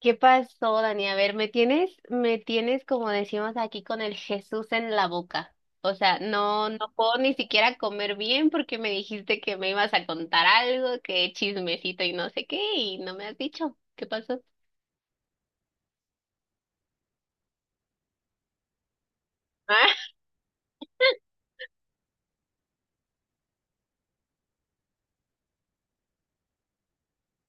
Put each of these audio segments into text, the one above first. ¿Qué pasó, Dani? A ver, me tienes como decimos aquí con el Jesús en la boca. O sea, no, no puedo ni siquiera comer bien porque me dijiste que me ibas a contar algo, que chismecito y no sé qué, y no me has dicho. ¿Qué pasó? Ah,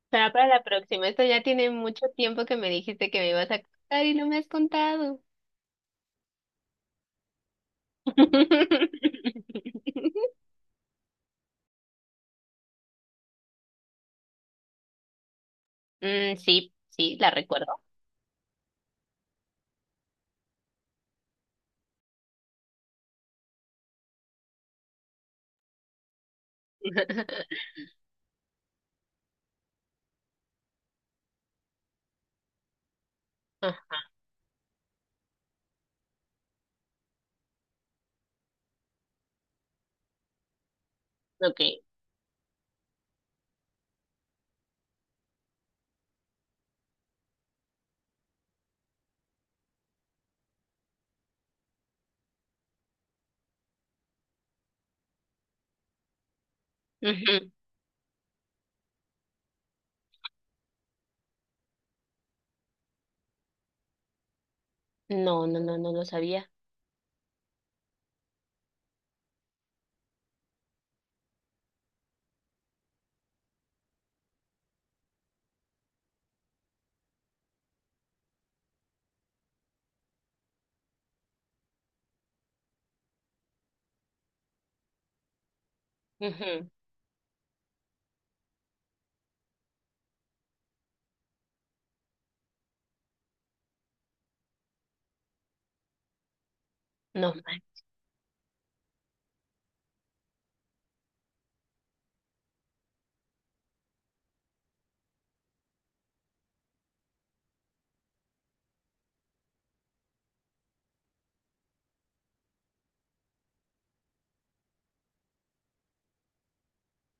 será para la próxima. Esto ya tiene mucho tiempo que me dijiste que me ibas a contar y no me has contado. Mm, sí, sí, la recuerdo. Ah, ok. Ujú. No, no, no, no lo sabía. Ujú. No.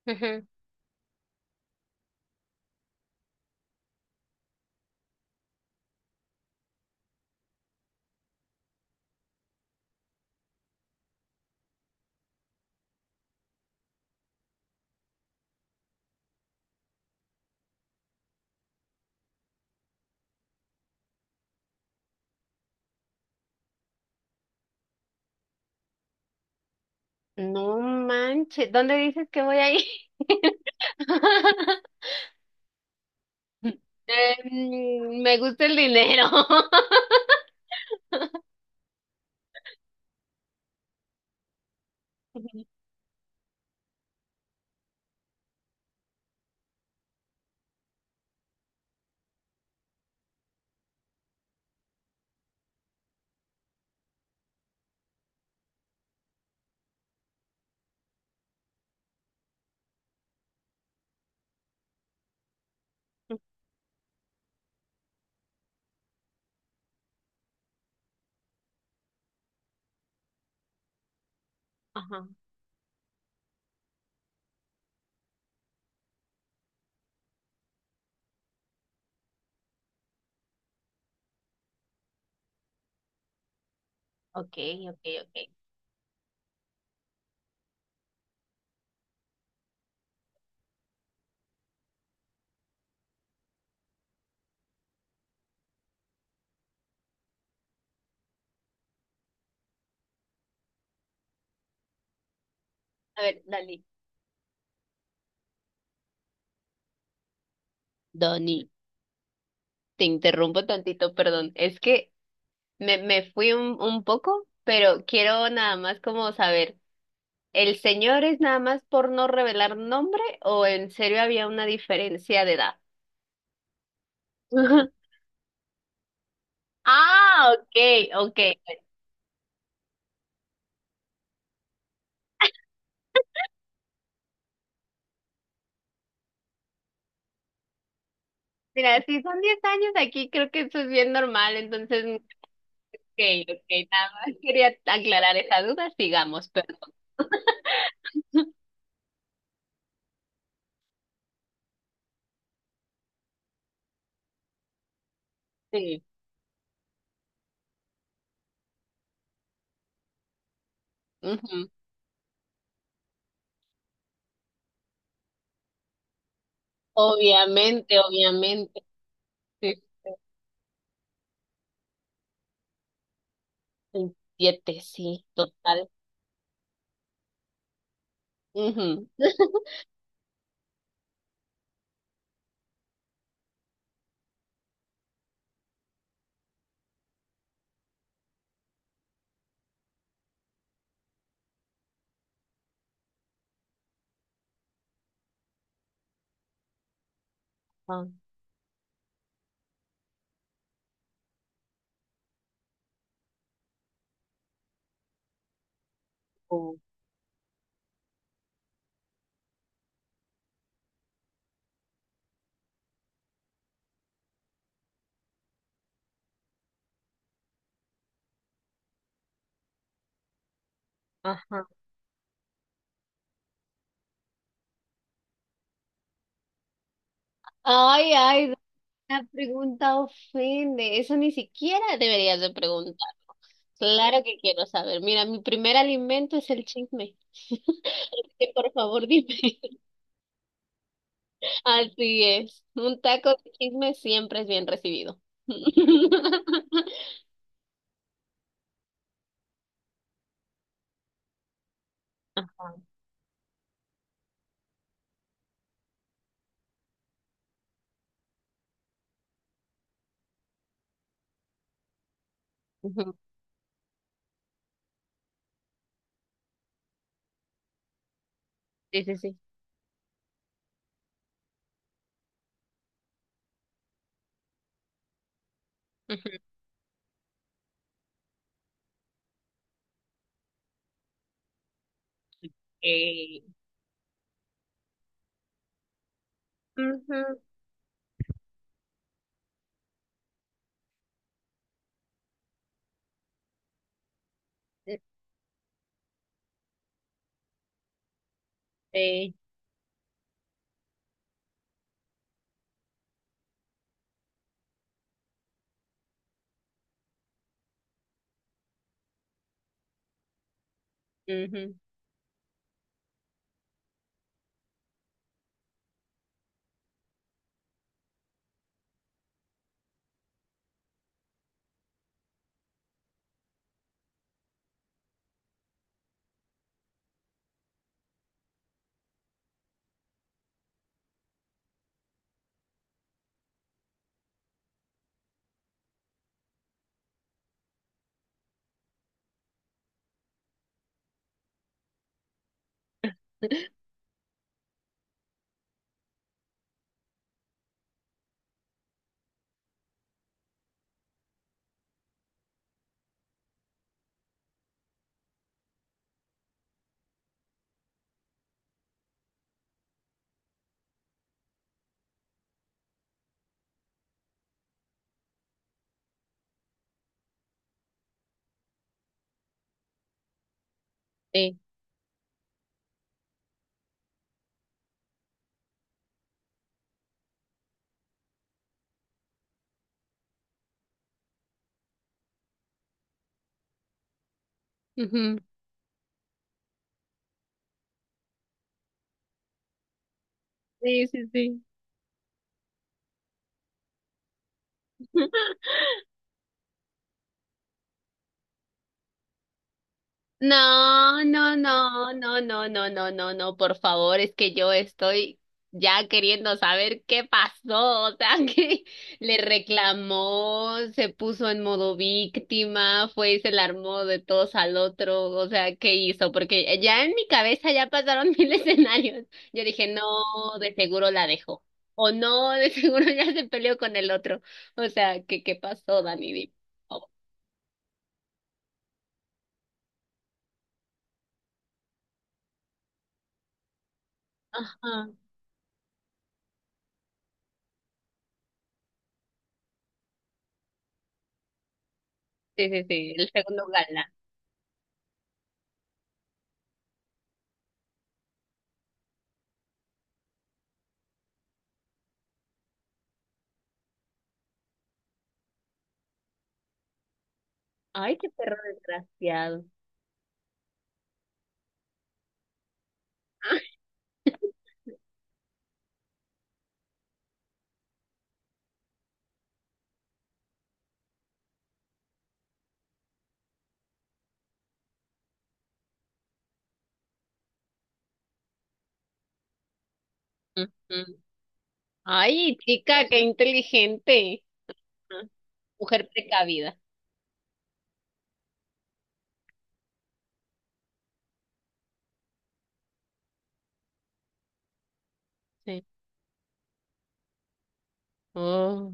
Ujú. No manches, ¿dónde dices que voy a ir? Me gusta el dinero. Ajá, ok, ok, ok. A ver, Dani. Dani, te interrumpo tantito, perdón. Es que me fui un poco, pero quiero nada más como saber, ¿el señor es nada más por no revelar nombre o en serio había una diferencia de edad? Ah, ok, ok. Mira, si son 10 años aquí, creo que eso es bien normal, entonces, ok, ok, nada más quería aclarar esa duda, sigamos, pero sí, ujú. Obviamente, obviamente, sí, sí, sí. Siete, sí, total, ujú. Ah, oh, ajá. Ay, ay, la pregunta ofende, eso ni siquiera deberías de preguntar. Claro que quiero saber, mira, mi primer alimento es el chisme, así que por favor dime. Así es. Un taco de chisme siempre es bien recibido. Ajá. Ujú. Sí, sí, sí. Ujú. Eh, ujú. Eh, ujú. Sí. Ujú. Sí, sí, sí. No, no, no, no, no, no, no, no, no, por favor, es que yo estoy ya queriendo saber qué pasó, o sea, que le reclamó, se puso en modo víctima, fue y se la armó de todos al otro, o sea, ¿qué hizo? Porque ya en mi cabeza ya pasaron mil escenarios. Yo dije, no, de seguro la dejó, o no, de seguro ya se peleó con el otro, o sea, ¿qué pasó, Dani? Dime, por favor. Ajá, sí, sí, sí, el segundo galán. Ay, qué perro desgraciado. Ah, ujú. Ay, chica, qué inteligente. Ah, mujer precavida. Sí. Oh.